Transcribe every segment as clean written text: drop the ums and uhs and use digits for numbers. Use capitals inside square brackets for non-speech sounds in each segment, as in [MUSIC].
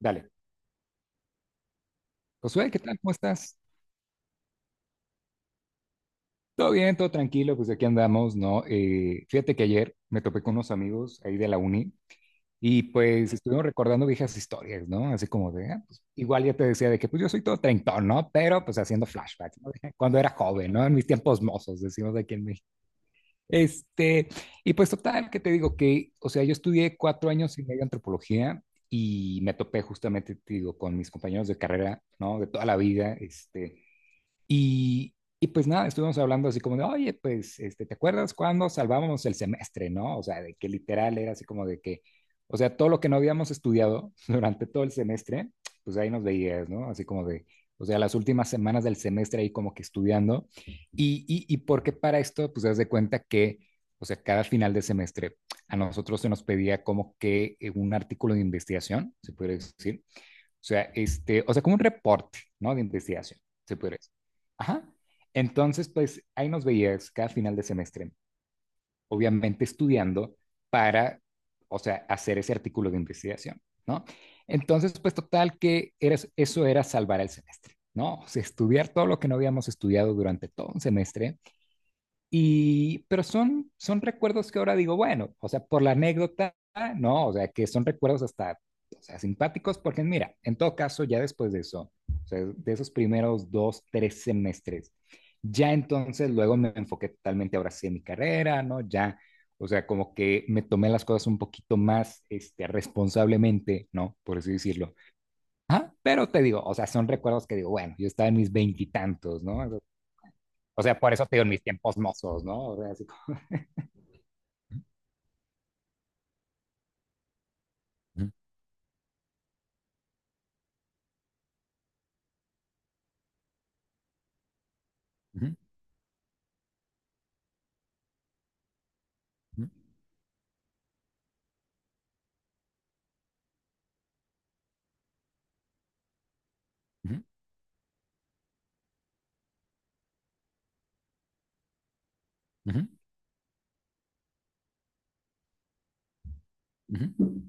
Dale. Josué, ¿qué tal? ¿Cómo estás? Todo bien, todo tranquilo, pues aquí andamos, ¿no? Fíjate que ayer me topé con unos amigos ahí de la uni y pues estuvimos recordando viejas historias, ¿no? Así como de, ah, pues, igual ya te decía de que pues yo soy todo treintón, ¿no? Pero pues haciendo flashbacks, ¿no? [LAUGHS] Cuando era joven, ¿no? En mis tiempos mozos, decimos aquí en México. Este, y pues total, que te digo que, o sea, yo estudié cuatro años y medio antropología y me topé justamente, te digo, con mis compañeros de carrera, ¿no? De toda la vida. Y pues nada, estuvimos hablando así como de, oye, pues, ¿te acuerdas cuando salvábamos el semestre, no? O sea, de que literal era así como de que, o sea, todo lo que no habíamos estudiado [LAUGHS] durante todo el semestre, pues ahí nos veías, ¿no? Así como de, o sea, las últimas semanas del semestre ahí como que estudiando. Y porque para esto, pues, das de cuenta que, o sea, cada final de semestre a nosotros se nos pedía como que un artículo de investigación, se puede decir, o sea, o sea, como un reporte, ¿no? De investigación, se puede decir. Ajá. Entonces, pues ahí nos veías cada final de semestre, obviamente estudiando para, o sea, hacer ese artículo de investigación, ¿no? Entonces, pues total que era, eso era salvar el semestre, ¿no? O sea, estudiar todo lo que no habíamos estudiado durante todo un semestre y, pero son recuerdos que ahora digo, bueno, o sea, por la anécdota, no, o sea, que son recuerdos hasta, o sea, simpáticos, porque mira, en todo caso, ya después de eso, o sea, de esos primeros dos, tres semestres, ya entonces luego me enfoqué totalmente ahora sí en mi carrera, ¿no? Ya, o sea, como que me tomé las cosas un poquito más, responsablemente, ¿no? Por así decirlo. Ah, pero te digo, o sea, son recuerdos que digo, bueno, yo estaba en mis veintitantos, ¿no? O sea, por eso te digo en mis tiempos mozos, ¿no? O sea, así como... Ujú, ujú, ujú, ujú, ujú, ujú.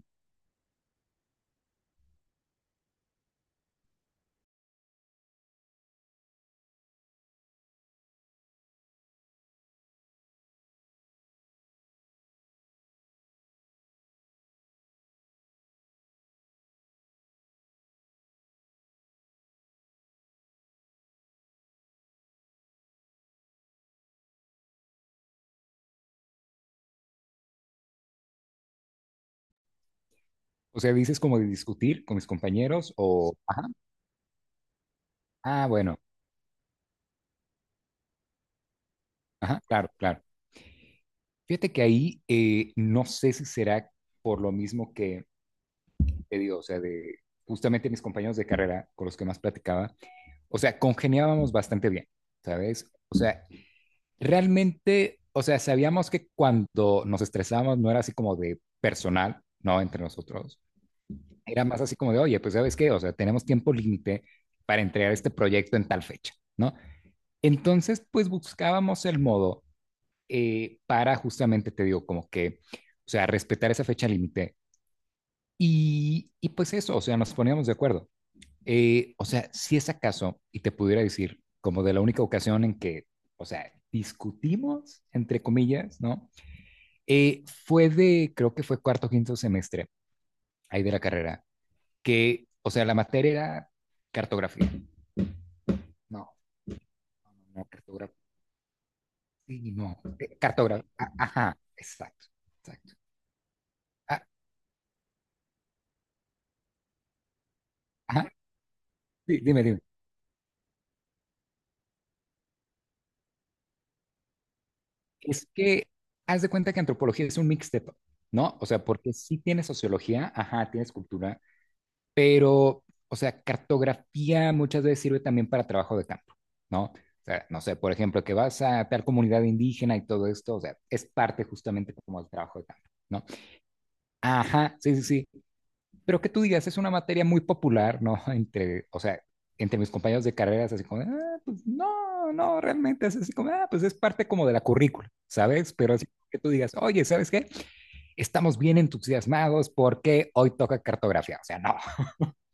O sea, dices como de discutir con mis compañeros o... Ajá. Ah, bueno, ajá, claro, claro. Fíjate que ahí no sé si será por lo mismo que te digo, o sea, de justamente mis compañeros de carrera con los que más platicaba, o sea, congeniábamos bastante bien, ¿sabes? O sea, realmente, o sea, sabíamos que cuando nos estresábamos no era así como de personal, ¿no? Entre nosotros. Era más así como de, oye, pues sabes qué, o sea, tenemos tiempo límite para entregar este proyecto en tal fecha, ¿no? Entonces, pues buscábamos el modo para justamente, te digo, como que, o sea, respetar esa fecha límite y pues eso, o sea, nos poníamos de acuerdo. O sea, si es acaso, y te pudiera decir, como de la única ocasión en que, o sea, discutimos, entre comillas, ¿no? Fue de, creo que fue cuarto, o quinto semestre, ahí de la carrera, que, o sea, la materia era cartografía. No, no, no, cartografía, sí, no, cartografía. Ajá, exacto, exacto. Ah, ajá, sí, dime, dime. Es que haz de cuenta que antropología es un mixteto, ¿no? O sea, porque sí tienes sociología, ajá, tienes cultura, pero, o sea, cartografía muchas veces sirve también para trabajo de campo, ¿no? O sea, no sé, por ejemplo, que vas a tal comunidad indígena y todo esto, o sea, es parte justamente como del trabajo de campo, ¿no? Ajá, sí, sí, sí. Pero que tú digas, es una materia muy popular, ¿no? [LAUGHS] Entre, o sea, entre mis compañeros de carreras, así como, ah, pues no, no, realmente es así como, ah, pues es parte como de la currícula, ¿sabes? Pero así que tú digas, oye, ¿sabes qué? Estamos bien entusiasmados porque hoy toca cartografía. O sea, no, [LAUGHS] o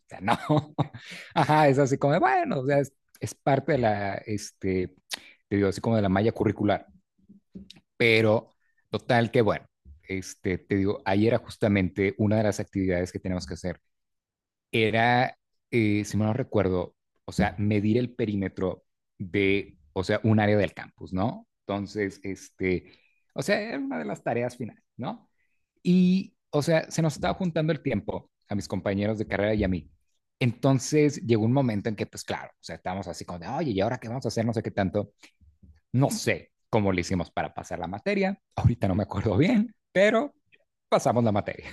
sea, no. [LAUGHS] Ajá, es así como, bueno, o sea, es parte de la, te digo, así como de la malla curricular. Pero total que, bueno, te digo, ayer era justamente una de las actividades que tenemos que hacer era, si mal no recuerdo, o sea, medir el perímetro de, o sea, un área del campus, ¿no? Entonces, o sea, era una de las tareas finales, ¿no? Y, o sea, se nos estaba juntando el tiempo a mis compañeros de carrera y a mí. Entonces llegó un momento en que, pues claro, o sea, estábamos así como de, oye, ¿y ahora qué vamos a hacer? No sé qué tanto. No sé cómo le hicimos para pasar la materia. Ahorita no me acuerdo bien, pero pasamos la materia.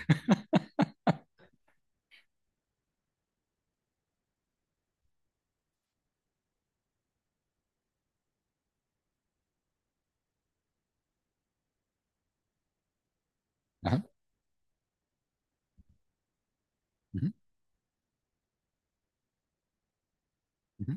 Ajá. Ujú, ujú.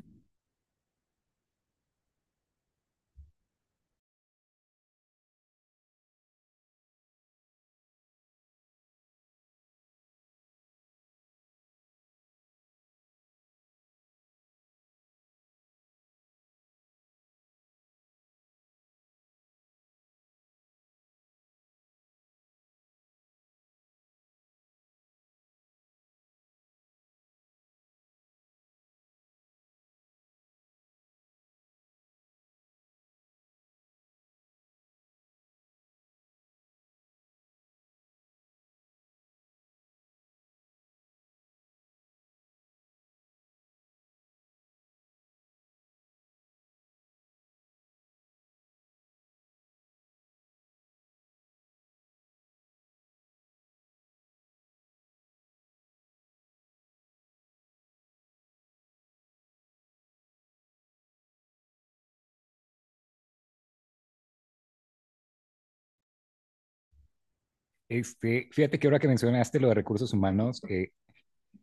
Fíjate que ahora que mencionaste lo de recursos humanos,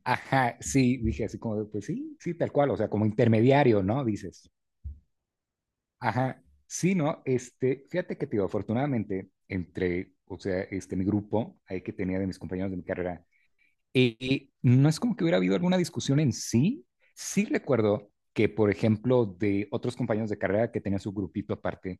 ajá, sí, dije así como, de, pues sí, sí, tal cual, o sea, como intermediario, ¿no? Dices, ajá, sí, ¿no? Fíjate que, tío, afortunadamente, entre, o sea, mi grupo, ahí que tenía de mis compañeros de mi carrera, no es como que hubiera habido alguna discusión en sí, sí recuerdo que, por ejemplo, de otros compañeros de carrera que tenían su grupito aparte.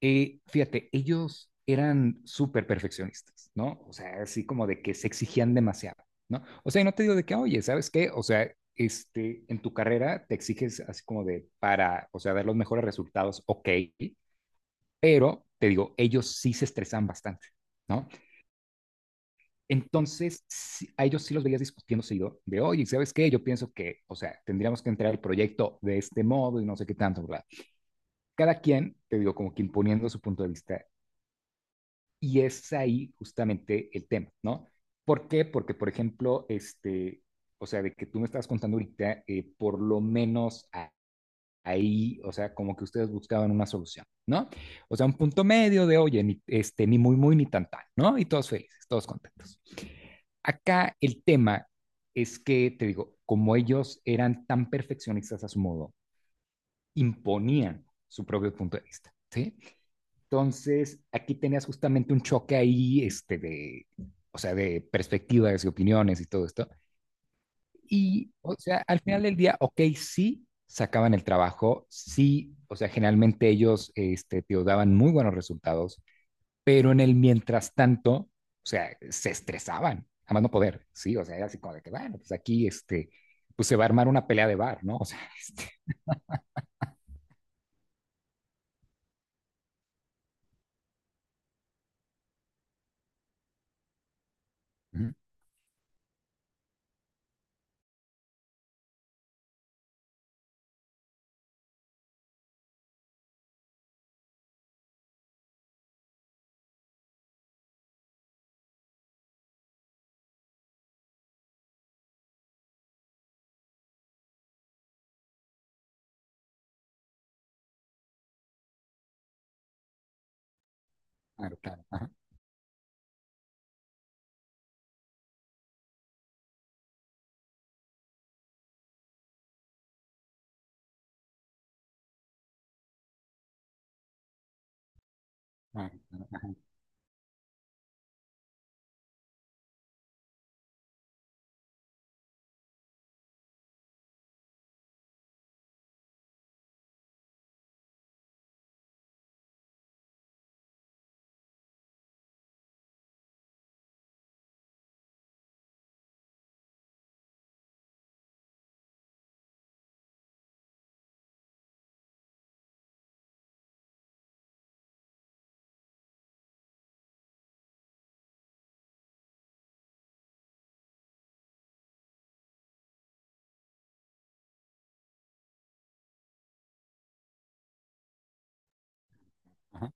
Fíjate, ellos eran súper perfeccionistas, ¿no? O sea, así como de que se exigían demasiado, ¿no? O sea, y no te digo de que, oye, ¿sabes qué? O sea, en tu carrera te exiges así como de para, o sea, dar los mejores resultados, ok, pero te digo, ellos sí se estresaban bastante, ¿no? Entonces, a ellos sí los veías discutiendo seguido de, oye, ¿sabes qué? Yo pienso que, o sea, tendríamos que entrar al proyecto de este modo y no sé qué tanto, ¿verdad? Cada quien, te digo, como que imponiendo su punto de vista. Y es ahí justamente el tema, ¿no? ¿Por qué? Porque, por ejemplo, o sea, de que tú me estás contando ahorita, por lo menos ahí, o sea, como que ustedes buscaban una solución, ¿no? O sea, un punto medio de, oye, ni, ni muy, muy, ni tan, tan, ¿no? Y todos felices, todos contentos. Acá el tema es que, te digo, como ellos eran tan perfeccionistas a su modo, imponían su propio punto de vista, ¿sí? Entonces, aquí tenías justamente un choque ahí, de, o sea, de perspectivas y opiniones y todo esto. Y, o sea, al final del día, ok, sí sacaban el trabajo, sí, o sea, generalmente ellos, te daban muy buenos resultados, pero en el mientras tanto, o sea, se estresaban, jamás no poder, sí, o sea, era así como de que, bueno, pues aquí, pues se va a armar una pelea de bar, ¿no? [LAUGHS] O sea, ujú, claro, claro, ajá, claro, ajá, ajá.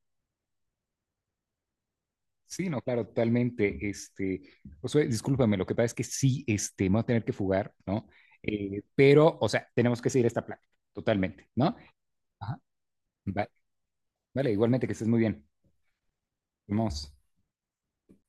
Sí, no, claro, totalmente. Josué, discúlpame, lo que pasa es que sí, me voy a tener que fugar, ¿no? Pero, o sea, tenemos que seguir esta plática, totalmente, ¿no? Ajá, va- vale, igualmente que estés muy bien. Vamos.